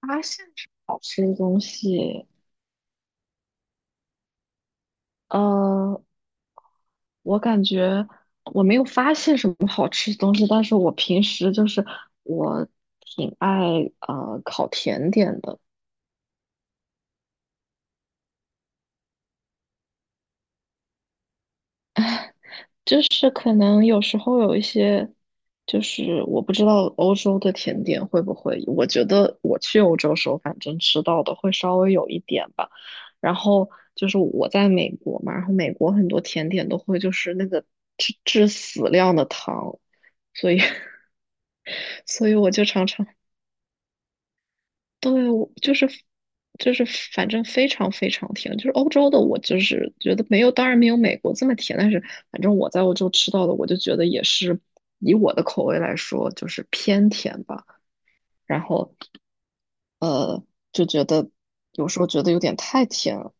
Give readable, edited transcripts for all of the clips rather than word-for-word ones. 发现什么好吃的东西。呃，我感觉我没有发现什么好吃的东西，但是我平时我挺爱烤甜点的，就是可能有时候有一些，就是我不知道欧洲的甜点会不会，我觉得我去欧洲时候，反正吃到的会稍微有一点吧。然后就是我在美国嘛，然后美国很多甜点都会就是那个致死量的糖，所以 所以我就常常。对，我就是就是反正非常非常甜，就是欧洲的我就是觉得没有，当然没有美国这么甜，但是反正我在欧洲吃到的，我就觉得也是以我的口味来说，就是偏甜吧。然后呃，就觉得有时候觉得有点太甜了，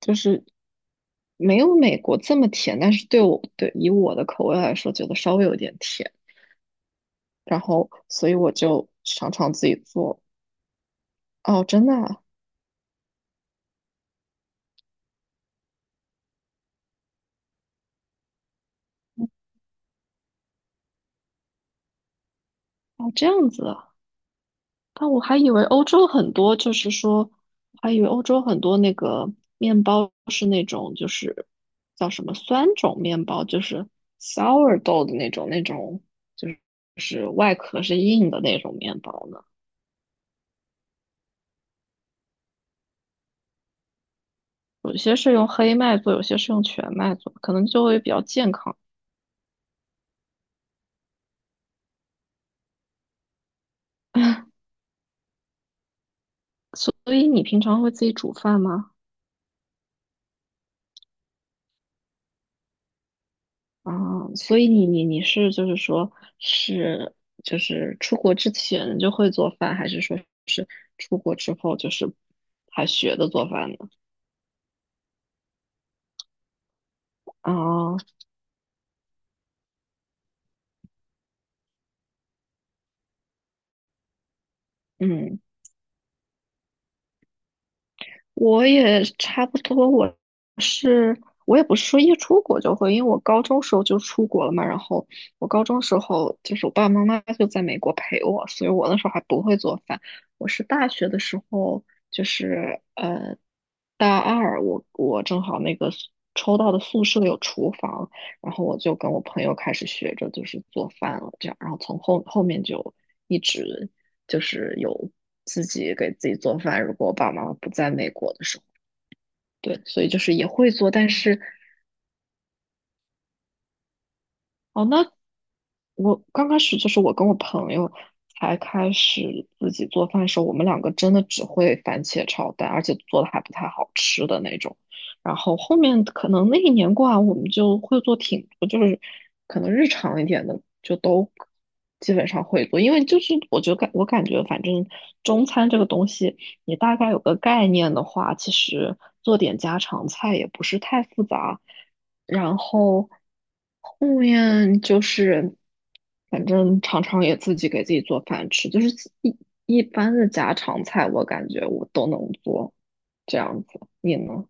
就是没有美国这么甜，但是对我对以我的口味来说，觉得稍微有点甜。然后所以我就常常自己做。哦，真的啊。哦，这样子啊。但我还以为欧洲很多，就是说，我还以为欧洲很多那个面包是那种，就是叫什么酸种面包，就是 sourdough 的那种，那种就是就是外壳是硬的那种面包呢。有些是用黑麦做，有些是用全麦做，可能就会比较健康。所以你平常会自己煮饭吗？啊，所以你是就是说是就是出国之前就会做饭，还是说是出国之后就是还学的做饭呢？啊，嗯。我也差不多，我是我也不是说一出国就会，因为我高中时候就出国了嘛。然后我高中时候就是我爸爸妈妈就在美国陪我，所以我那时候还不会做饭。我是大学的时候，就是呃大二我正好那个抽到的宿舍有厨房，然后我就跟我朋友开始学着就是做饭了，这样，然后从后面就一直就是有自己给自己做饭。如果我爸爸妈妈不在美国的时候，对，所以就是也会做，但是哦，那我刚开始就是我跟我朋友才开始自己做饭的时候，我们两个真的只会番茄炒蛋，而且做的还不太好吃的那种。然后后面可能那一年过完，我们就会做挺多，就是可能日常一点的就都基本上会做，因为就是我感觉反正中餐这个东西，你大概有个概念的话，其实做点家常菜也不是太复杂。然后后面就是，反正常常也自己给自己做饭吃，就是一一般的家常菜，我感觉我都能做，这样子。你呢？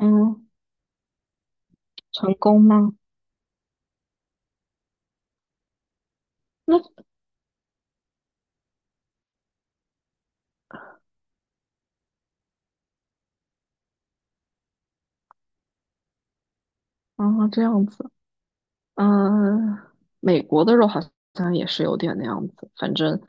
嗯，成功吗？那啊，这样子。嗯，美国的肉好像也是有点那样子，反正，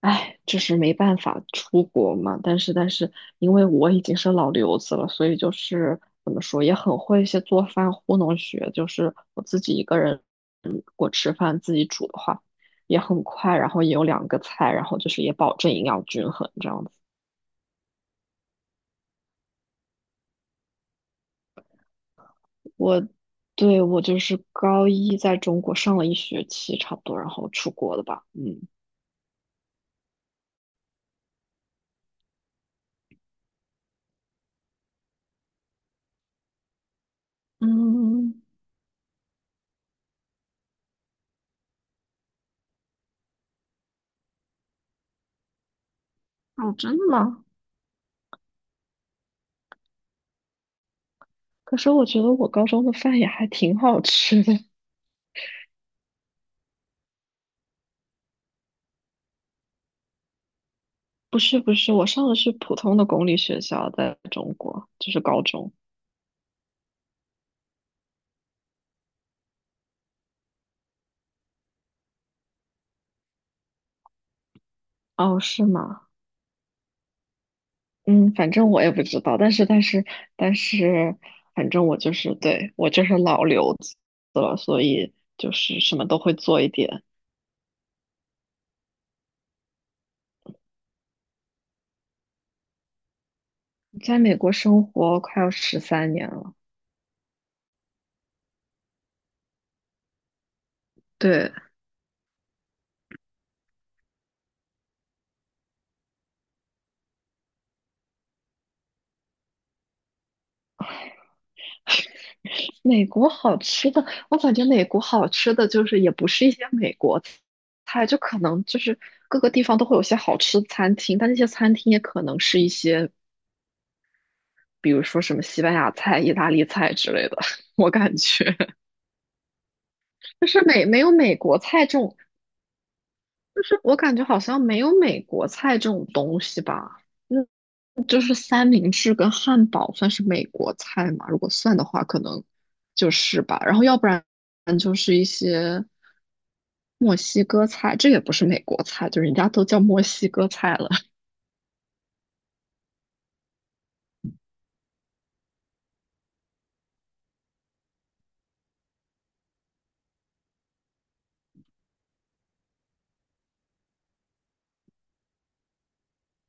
哎，就是没办法出国嘛。但是，但是因为我已经是老留子了，所以就是怎么说，也很会一些做饭糊弄学。就是我自己一个人，嗯，我吃饭自己煮的话，也很快，然后也有两个菜，然后就是也保证营养均衡这样子。我对，我就是高一在中国上了一学期差不多，然后出国了吧，嗯。嗯，哦，真的吗？可是我觉得我高中的饭也还挺好吃的。不是不是，我上的是普通的公立学校，在中国就是高中。哦，是吗？嗯，反正我也不知道，但是但是，反正我就是老留子了，所以就是什么都会做一点。在美国生活快要13年了，对，美国好吃的，我感觉美国好吃的就是也不是一些美国菜，就可能就是各个地方都会有些好吃的餐厅，但那些餐厅也可能是一些，比如说什么西班牙菜、意大利菜之类的。我感觉就是美没有美国菜这种，就是我感觉好像没有美国菜这种东西吧。嗯，就是三明治跟汉堡算是美国菜嘛？如果算的话，可能就是吧。然后要不然就是一些。墨西哥菜，这也不是美国菜，就人家都叫墨西哥菜了。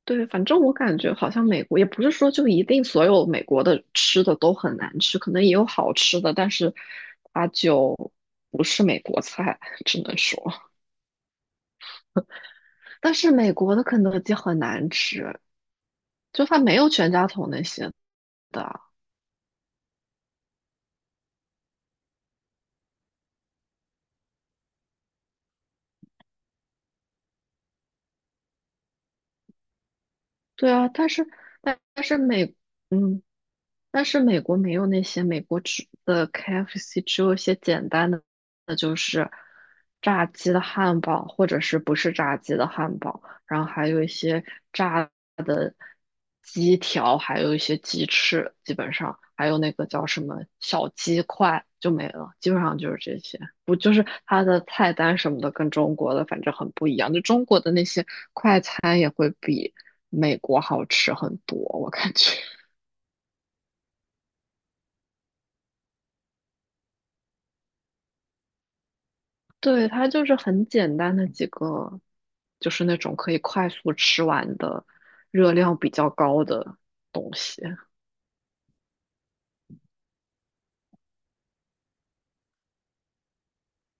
对，反正我感觉好像美国也不是说就一定所有美国的吃的都很难吃，可能也有好吃的，但是它就不是美国菜，只能说。但是美国的肯德基很难吃，就它没有全家桶那些的啊。对啊，但是但但是美，嗯，但是美国没有那些美国只的 KFC，只有一些简单的，那就是炸鸡的汉堡，或者是不是炸鸡的汉堡，然后还有一些炸鸡条，还有一些鸡翅，基本上还有那个叫什么小鸡块就没了，基本上就是这些。不就是它的菜单什么的跟中国的反正很不一样，就中国的那些快餐也会比美国好吃很多，我感觉。对，它就是很简单的几个，就是那种可以快速吃完的，热量比较高的东西。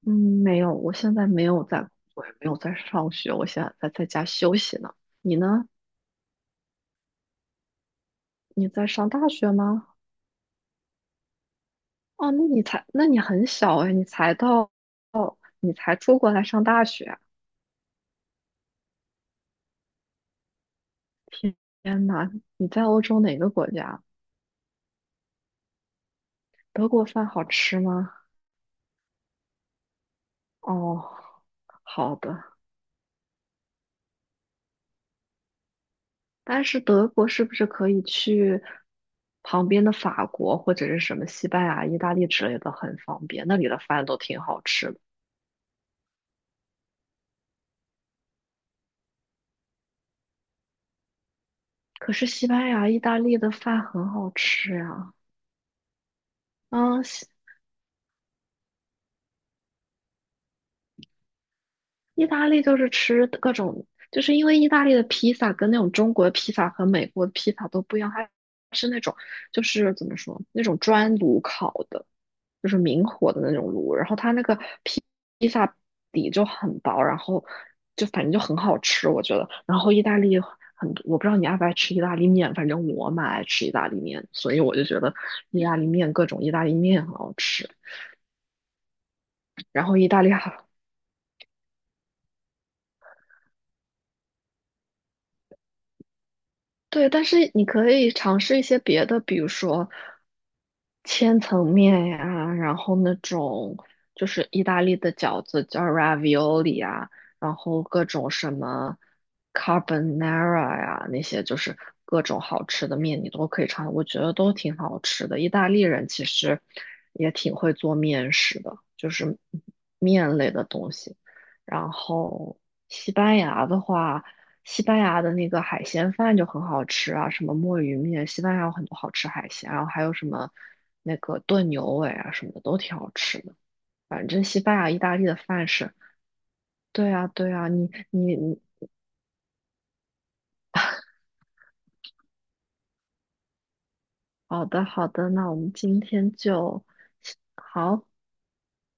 嗯，没有，我现在没有在工作，也没有在上学，我现在在家休息呢。你呢？你在上大学吗？哦，那你才，那你很小哎，你才到，你才出国来上大学啊。天天呐，你在欧洲哪个国家？德国饭好吃吗？哦，好的。但是德国是不是可以去旁边的法国或者是什么西班牙、意大利之类的，很方便，那里的饭都挺好吃的。可是西班牙、意大利的饭很好吃呀、嗯，意大利就是吃各种，就是因为意大利的披萨跟那种中国的披萨和美国的披萨都不一样，它是那种就是怎么说，那种专炉烤的。就是明火的那种炉，然后它那个披披萨底就很薄，然后就反正就很好吃，我觉得。然后意大利很多我不知道你爱不爱吃意大利面，反正我蛮爱吃意大利面，所以我就觉得意大利面各种意大利面很好吃。然后意大利还对，但是你可以尝试一些别的，比如说千层面呀，然后那种就是意大利的饺子叫 ravioli 啊，然后各种什么 carbonara 呀，那些就是各种好吃的面你都可以尝，我觉得都挺好吃的。意大利人其实也挺会做面食的，就是面类的东西。然后西班牙的话。西班牙的那个海鲜饭就很好吃啊，什么墨鱼面，西班牙有很多好吃海鲜，然后还有什么那个炖牛尾啊什么的都挺好吃的。反正西班牙、意大利的饭是，对啊，对啊，你，好的好的，那我们今天就好。